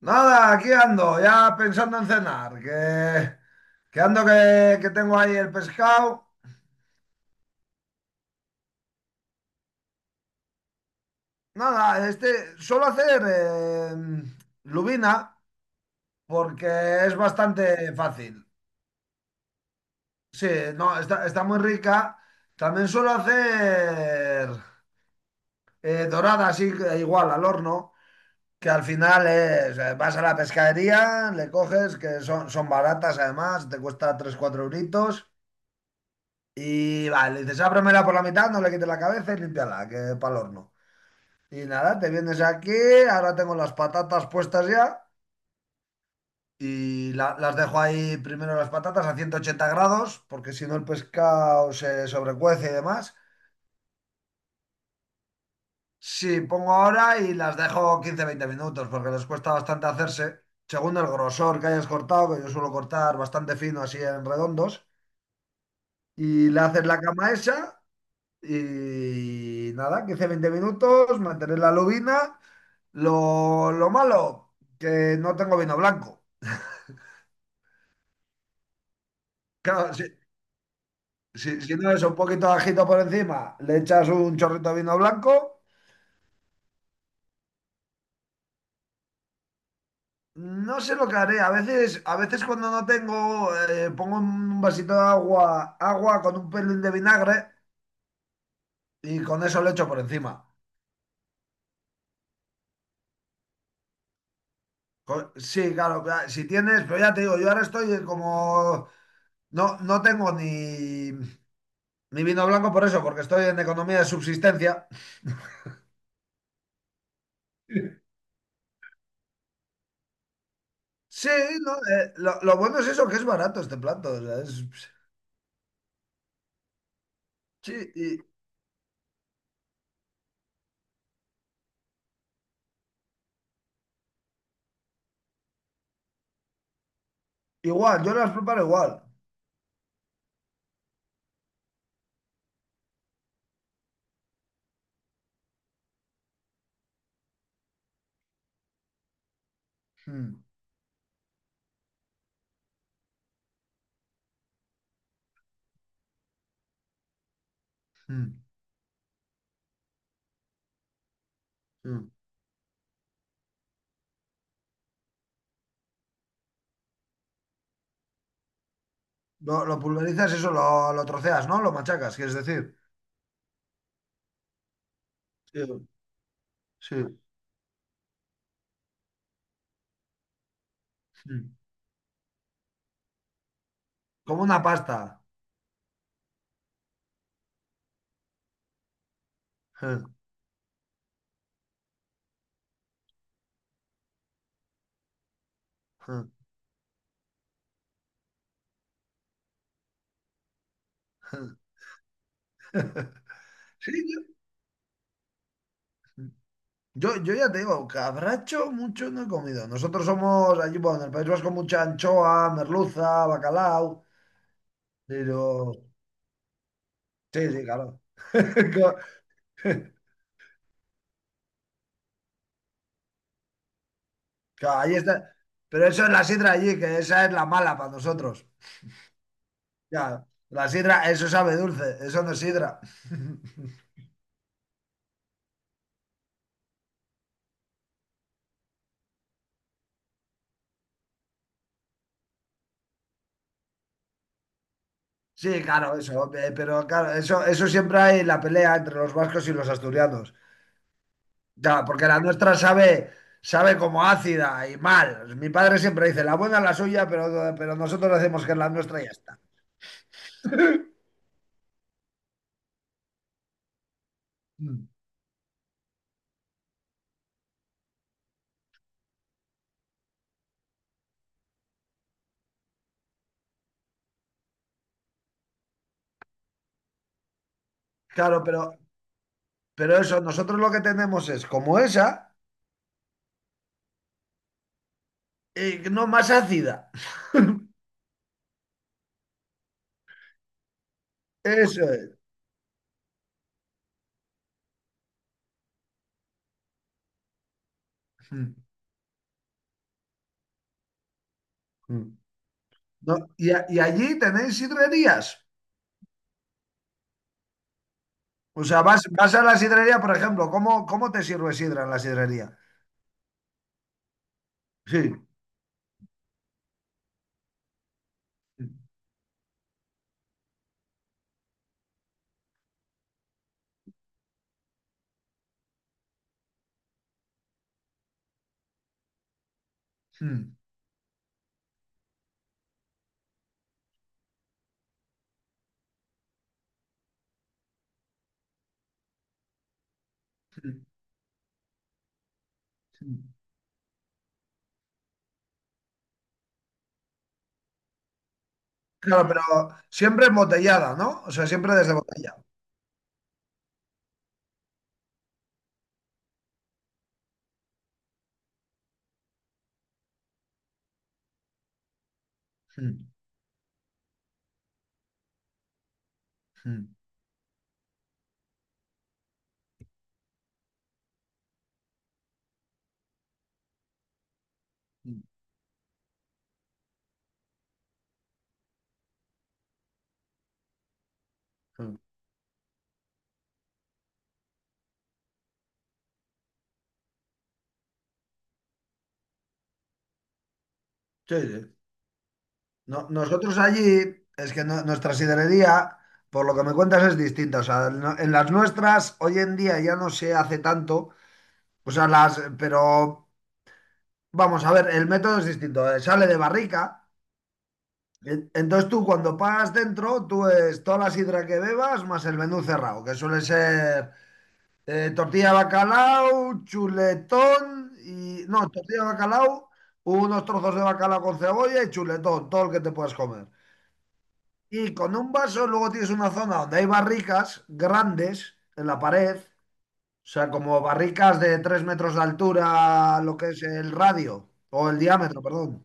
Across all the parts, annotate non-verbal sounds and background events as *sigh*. Nada, aquí ando, ya pensando en cenar, que tengo ahí el pescado. Nada, este suelo hacer lubina porque es bastante fácil. Sí, no, está muy rica. También suelo hacer dorada, así que igual al horno, que al final es, vas a la pescadería, le coges, que son, son baratas además, te cuesta 3 4 euritos. Y vale, dices, ábremela por la mitad, no le quites la cabeza y límpiala, que para el horno. Y nada, te vienes aquí, ahora tengo las patatas puestas ya y las dejo ahí primero las patatas a 180 grados, porque si no el pescado se sobrecuece y demás. Sí, pongo ahora y las dejo 15 20 minutos, porque les cuesta bastante hacerse, según el grosor que hayas cortado, que yo suelo cortar bastante fino así en redondos, y le haces la cama esa. Y nada, 15 veinte minutos, mantener la lubina. Lo malo, que no tengo vino blanco. Claro, si no, es un poquito de ajito por encima, le echas un chorrito de vino blanco. No sé lo que haré. A veces cuando no tengo, pongo un vasito de agua con un pelín de vinagre y con eso le echo por encima. Sí, claro, claro, si tienes, pero ya te digo, yo ahora estoy como, no, no tengo ni... Ni vino blanco por eso, porque estoy en economía de subsistencia. Sí, no, lo bueno es eso, que es barato este plato. O sea, sí, igual, yo las preparo igual. Mm, mm, mm. Lo pulverizas, eso lo troceas, ¿no? Lo machacas, quieres decir. Sí, sí. Mm. Como una pasta. *laughs* Sí, yo, yo ya te digo, cabracho mucho no he comido. Nosotros somos allí, bueno, en el País Vasco mucha anchoa, merluza, bacalao, pero... Sí, sí, claro. *laughs* Co- Claro, ahí está. Pero eso es la sidra allí, que esa es la mala para nosotros. Ya, la sidra, eso sabe dulce, eso no es sidra. *laughs* Sí, claro, eso. Pero claro, eso siempre hay la pelea entre los vascos y los asturianos. Ya, porque la nuestra sabe, como ácida y mal. Mi padre siempre dice, la buena es la suya, pero nosotros decimos que es la nuestra y ya está. Mm. Claro, pero eso, nosotros lo que tenemos es como esa, y no más ácida. *laughs* Eso es. Mm. Mm. No, y allí tenéis sidrerías. O sea, vas a la sidrería, por ejemplo, ¿cómo te sirve sidra en la sidrería? Sí. Mm, mm, mm. Claro, pero siempre embotellada, ¿no? O sea, siempre desde botella. Mm, mm, mm, mm. Sí, sí. Nosotros allí, es que nuestra sidrería, por lo que me cuentas, es distinta. O sea, en las nuestras, hoy en día ya no se hace tanto. O sea, pero vamos a ver, el método es distinto. Sale de barrica. Entonces tú cuando pagas dentro, tú es toda la sidra que bebas más el menú cerrado, que suele ser tortilla de bacalao, chuletón y... No, tortilla de bacalao, unos trozos de bacalao con cebolla y chuletón, todo el que te puedas comer. Y con un vaso luego tienes una zona donde hay barricas grandes en la pared, o sea, como barricas de 3 metros de altura, lo que es el radio, o el diámetro, perdón.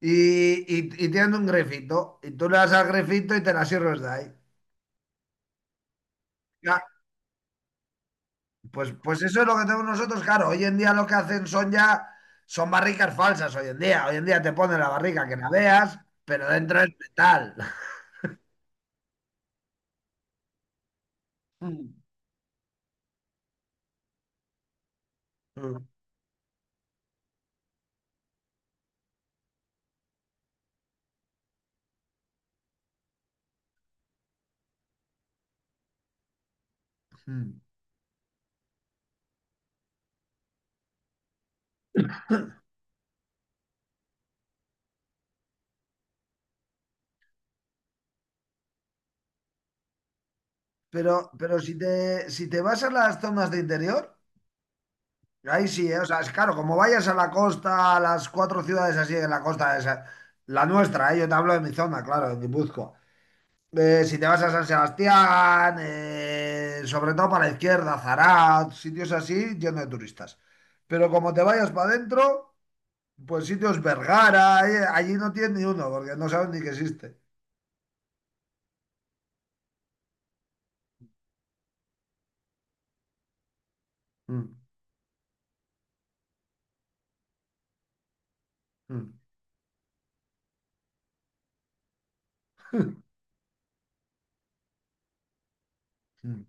y, y, y tienen un grefito, y tú le das al grefito y te la sirves de ahí. Ya, pues eso es lo que tenemos nosotros, claro. Hoy en día lo que hacen son ya, son barricas falsas hoy en día. Hoy en día te ponen la barrica que la veas, pero dentro es metal. *laughs* Pero si te vas a las zonas de interior, ahí sí, ¿eh? O sea, es claro, como vayas a la costa, a las cuatro ciudades así de la costa, esa, la nuestra, ¿eh? Yo te hablo de mi zona, claro, de Guipúzcoa. Si te vas a San Sebastián, sobre todo para la izquierda, Zarat, sitios así, llenos de turistas. Pero como te vayas para adentro, pues sitios Vergara, allí no tienes ni uno, porque no saben ni que existe. Mm, mm, mm.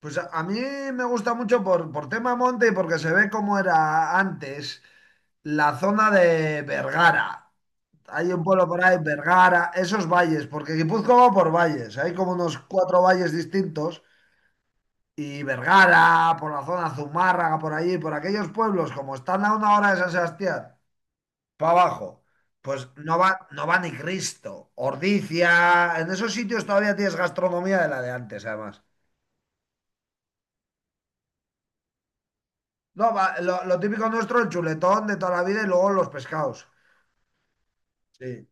Pues a mí me gusta mucho por, tema monte y porque se ve cómo era antes la zona de Vergara. Hay un pueblo por ahí, Vergara, esos valles, porque Guipúzcoa va por valles, hay como unos cuatro valles distintos. Y Vergara, por la zona Zumárraga, por allí, por aquellos pueblos, como están a una hora de San Sebastián, para abajo, pues no va, no va ni Cristo. Ordizia en esos sitios todavía tienes gastronomía de la de antes, además. No, lo típico nuestro, el chuletón de toda la vida y luego los pescados. Sí.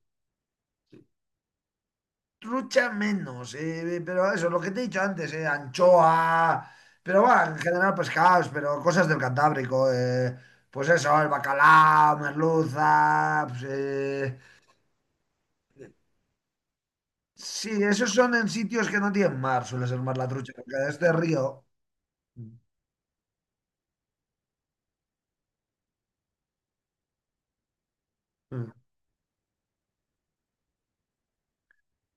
Trucha menos, pero eso, lo que te he dicho antes, anchoa, pero va, en general pescados, pero cosas del Cantábrico, pues eso, el bacalao, merluza, pues, Sí, esos son en sitios que no tienen mar, suele ser más la trucha, porque de este río. Mm.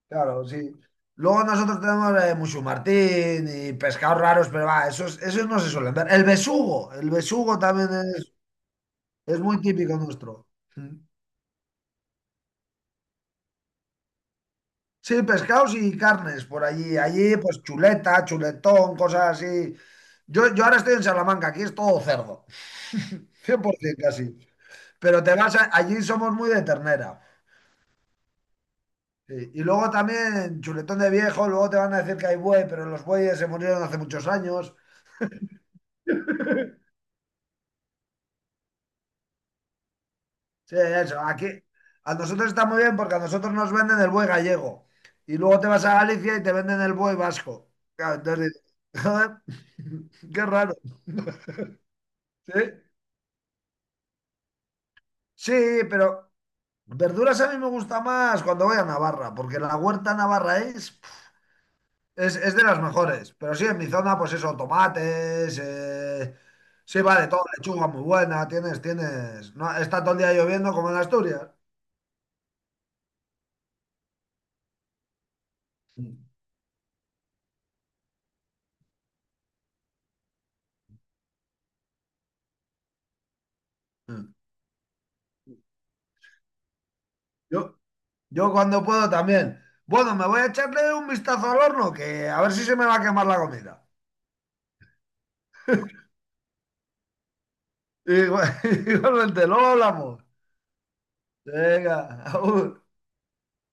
Claro, sí. Luego nosotros tenemos musumartín y pescados raros, pero va, esos no se suelen ver. El besugo también es, es muy típico nuestro. Mm. Sí, pescados y carnes por allí. Allí, pues chuleta, chuletón, cosas así. Yo ahora estoy en Salamanca, aquí es todo cerdo, *laughs* 100% casi. Pero te vas allí somos muy de ternera. Sí, y luego también, chuletón de viejo, luego te van a decir que hay buey, pero los bueyes se murieron hace muchos años. Sí, eso, aquí a nosotros está muy bien porque a nosotros nos venden el buey gallego. Y luego te vas a Galicia y te venden el buey vasco. Claro, entonces dices, joder, *laughs* qué raro. Sí, sí, pero verduras a mí me gusta más cuando voy a Navarra, porque la huerta navarra es... Es de las mejores, pero sí, en mi zona, pues eso, tomates, sí, vale, todo, lechuga muy buena, tienes, no, está todo el día lloviendo como en Asturias. Mm. Yo, yo cuando puedo también. Bueno, me voy a echarle un vistazo al horno, que a ver si se me va a quemar la comida. Igual- *laughs* Igualmente, luego hablamos. Venga, agur.